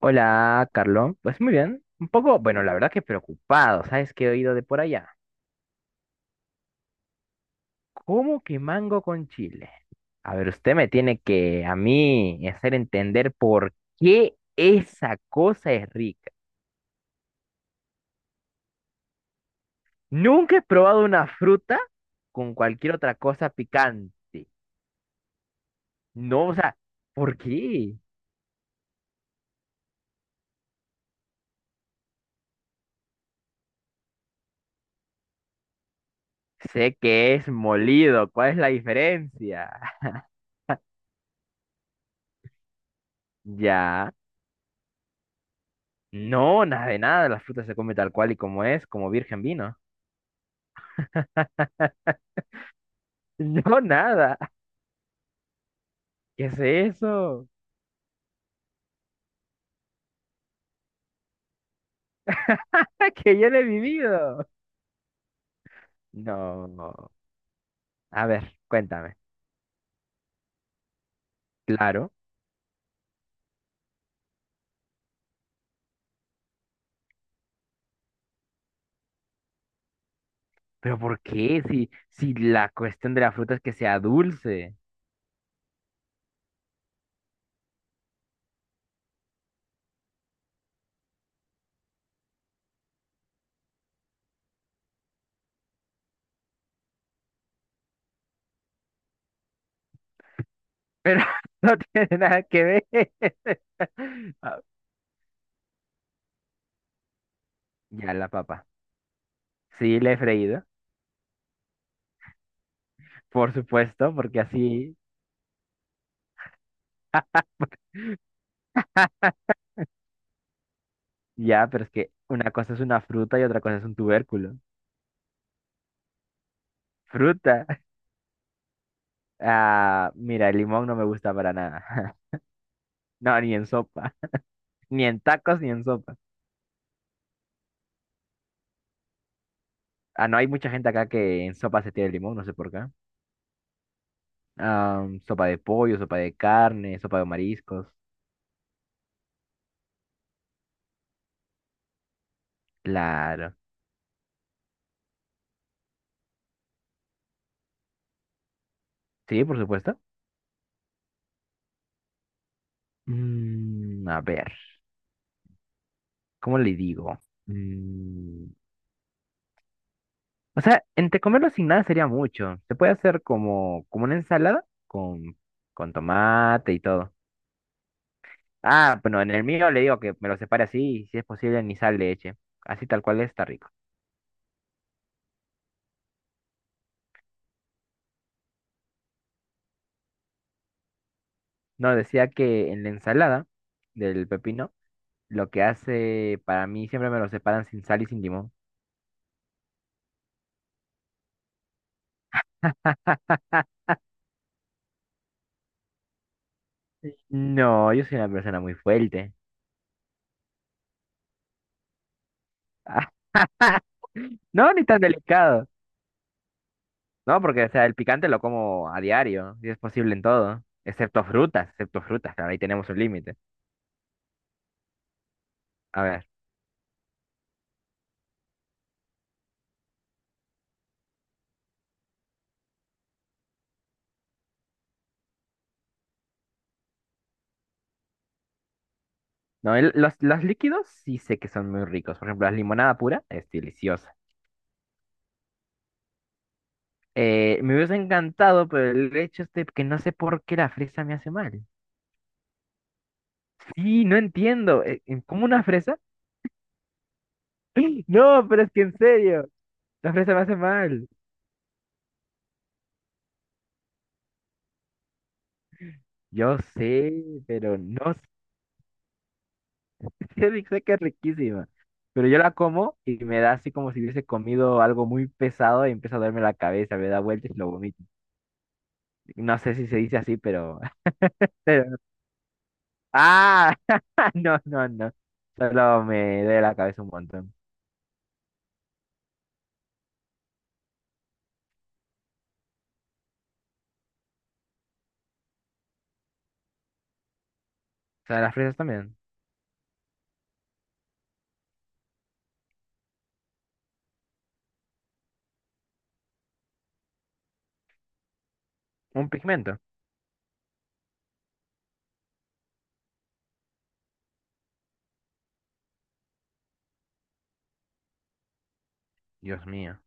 Hola, Carlos. Pues muy bien. Un poco, bueno, la verdad que preocupado. ¿Sabes qué he oído de por allá? ¿Cómo que mango con chile? A ver, usted me tiene que a mí hacer entender por qué esa cosa es rica. Nunca he probado una fruta con cualquier otra cosa picante. No, o sea, ¿por qué? Sé que es molido. ¿Cuál es la diferencia? Ya. No, nada de nada. La fruta se come tal cual y como es, como virgen vino. Yo nada. ¿Qué es eso? Que yo no he vivido. No, no. A ver, cuéntame. Claro. Pero ¿por qué? Si la cuestión de la fruta es que sea dulce. Pero no tiene nada que ver. Ah, ya la papa. Sí, la he freído. Por supuesto, porque así. Ya, pero es que una cosa es una fruta y otra cosa es un tubérculo. Fruta. Ah, mira, el limón no me gusta para nada. No, ni en sopa. Ni en tacos ni en sopa. Ah, no, hay mucha gente acá que en sopa se tira el limón, no sé por qué. Ah, sopa de pollo, sopa de carne, sopa de mariscos. Claro. Sí, por supuesto. Mm, a ver, ¿cómo le digo? Mm, o sea, entre comerlo sin nada sería mucho. Se puede hacer como, como una ensalada con tomate y todo. Ah, bueno, en el mío le digo que me lo separe así y si es posible ni sal le eche. Así tal cual está rico. No, decía que en la ensalada del pepino lo que hace, para mí siempre me lo separan sin sal y sin limón. Sí. No, yo soy una persona muy fuerte. Ah, no, ni tan delicado. No, porque o sea, el picante lo como a diario, si es posible en todo, excepto frutas, claro, ahí tenemos un límite. A ver, no, los líquidos sí sé que son muy ricos. Por ejemplo, la limonada pura es deliciosa. Me hubiese encantado, pero el hecho es de que no sé por qué la fresa me hace mal. Sí, no entiendo. ¿Cómo una fresa? No, pero es que en serio, la fresa me hace mal. Yo sé, pero no sé, sé que es riquísima. Pero yo la como y me da así como si hubiese comido algo muy pesado y empieza a darme la cabeza, me da vueltas y lo vomito. No sé si se dice así, pero... pero... no. Ah, no, no, no. Solo me duele la cabeza un montón. O sea, las fresas también. Un pigmento. Dios mío.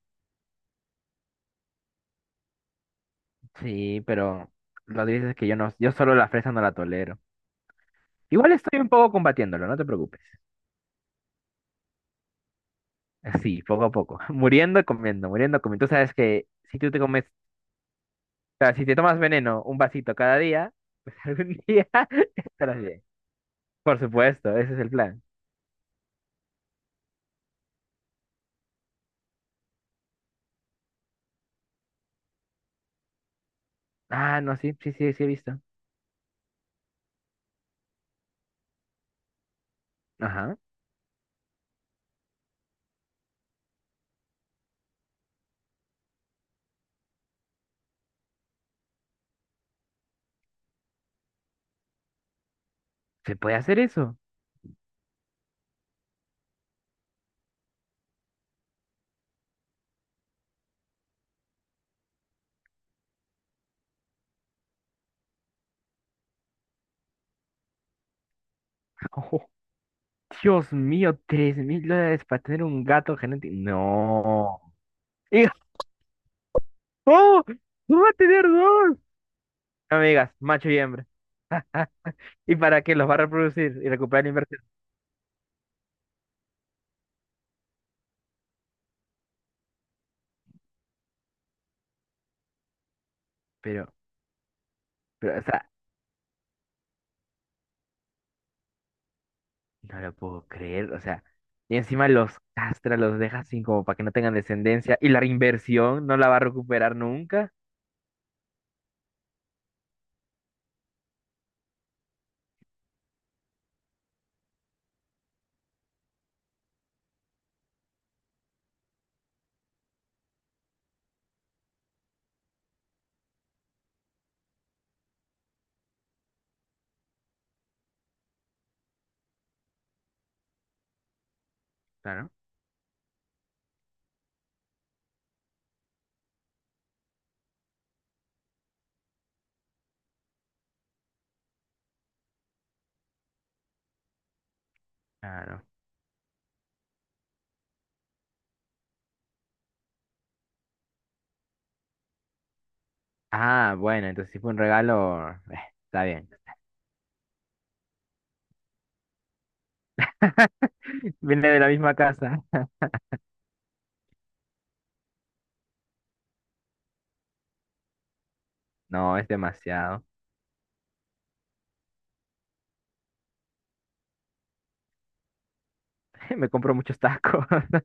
Sí, pero lo dices que yo solo la fresa no la tolero. Igual estoy un poco combatiéndolo, no te preocupes. Sí, poco a poco. Muriendo, comiendo, muriendo, comiendo. Tú sabes que si tú te comes, o sea, si te tomas veneno un vasito cada día, pues algún día estarás bien. Por supuesto, ese es el plan. Ah, no, sí, sí, sí, sí he visto. Ajá. ¿Se puede hacer eso? Oh, Dios mío, 3000 dólares para tener un gato genético. No. Y, ¡oh! ¡No va a tener dos! No me digas, macho y hembra. ¿Y para qué los va a reproducir y recuperar la inversión? Pero, o sea, no lo puedo creer. O sea, y encima los castra, los deja sin como para que no tengan descendencia. Y la inversión no la va a recuperar nunca. Claro, claro. Ah, bueno, entonces si fue un regalo, está bien. Viene de la misma casa. No, es demasiado. Me compro muchos tacos.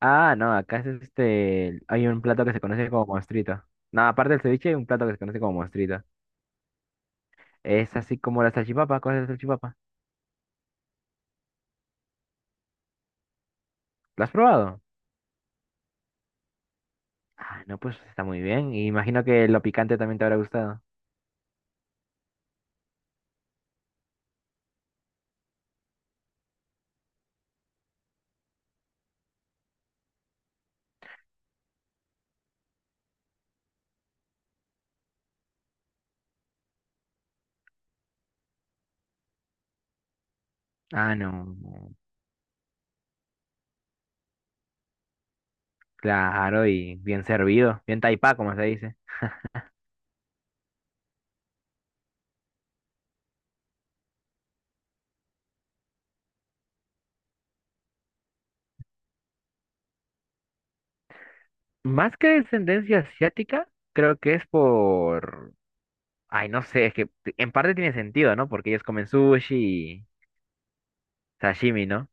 Ah, no, acá es este. Hay un plato que se conoce como monstruito. No, aparte del ceviche, hay un plato que se conoce como monstruito. Es así como la salchipapa. ¿Cuál es la salchipapa? ¿Lo has probado? Ah, no, pues está muy bien. Y imagino que lo picante también te habrá gustado. Ah, no. Claro, y bien servido. Bien taipá, como se dice. Más que descendencia asiática, creo que es por... Ay, no sé, es que en parte tiene sentido, ¿no? Porque ellos comen sushi y sashimi, ¿no?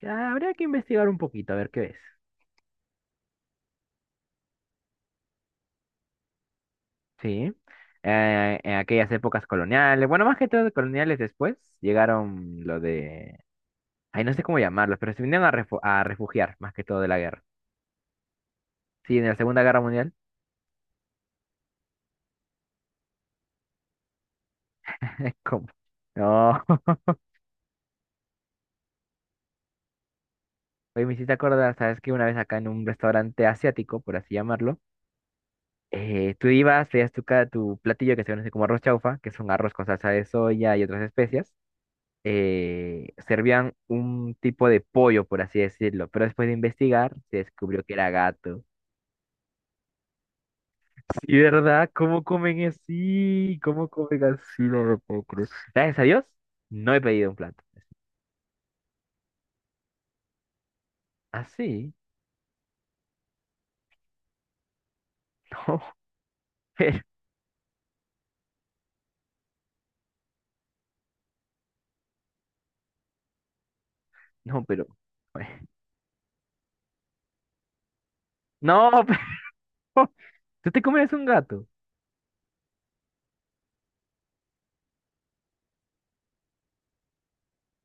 Ya, habría que investigar un poquito, a ver qué es. Sí. En aquellas épocas coloniales, bueno, más que todo coloniales después, llegaron lo de... Ay, no sé cómo llamarlos, pero se vinieron a, a refugiar, más que todo de la guerra. Sí, en la Segunda Guerra Mundial. ¿Cómo? No. Oye, me hiciste acordar, ¿sabes que una vez acá en un restaurante asiático, por así llamarlo, tú ibas, tu platillo que se conoce como arroz chaufa, que es un arroz con salsa de soya y otras especias. Servían un tipo de pollo, por así decirlo, pero después de investigar se descubrió que era gato. Sí, ¿verdad? ¿Cómo comen así? ¿Cómo comen así? No lo puedo creer. Gracias a Dios, no he pedido un plato. Así, no, pero, no, pero, bueno. No, pero, ¿tú te comes un gato?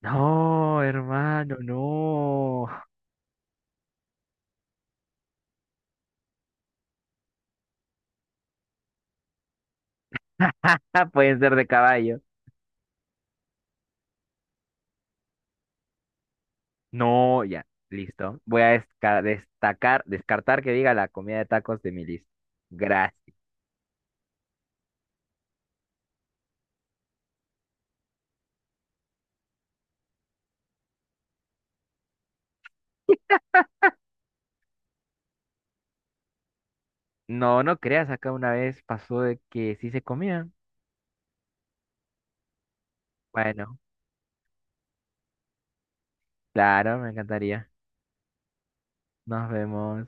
No, hermano, no. Pueden ser de caballo. No, ya, listo. Voy a destacar, descartar que diga la comida de tacos de mi lista. Gracias. No, no creas, acá una vez pasó de que sí se comían. Bueno, claro, me encantaría. Nos vemos.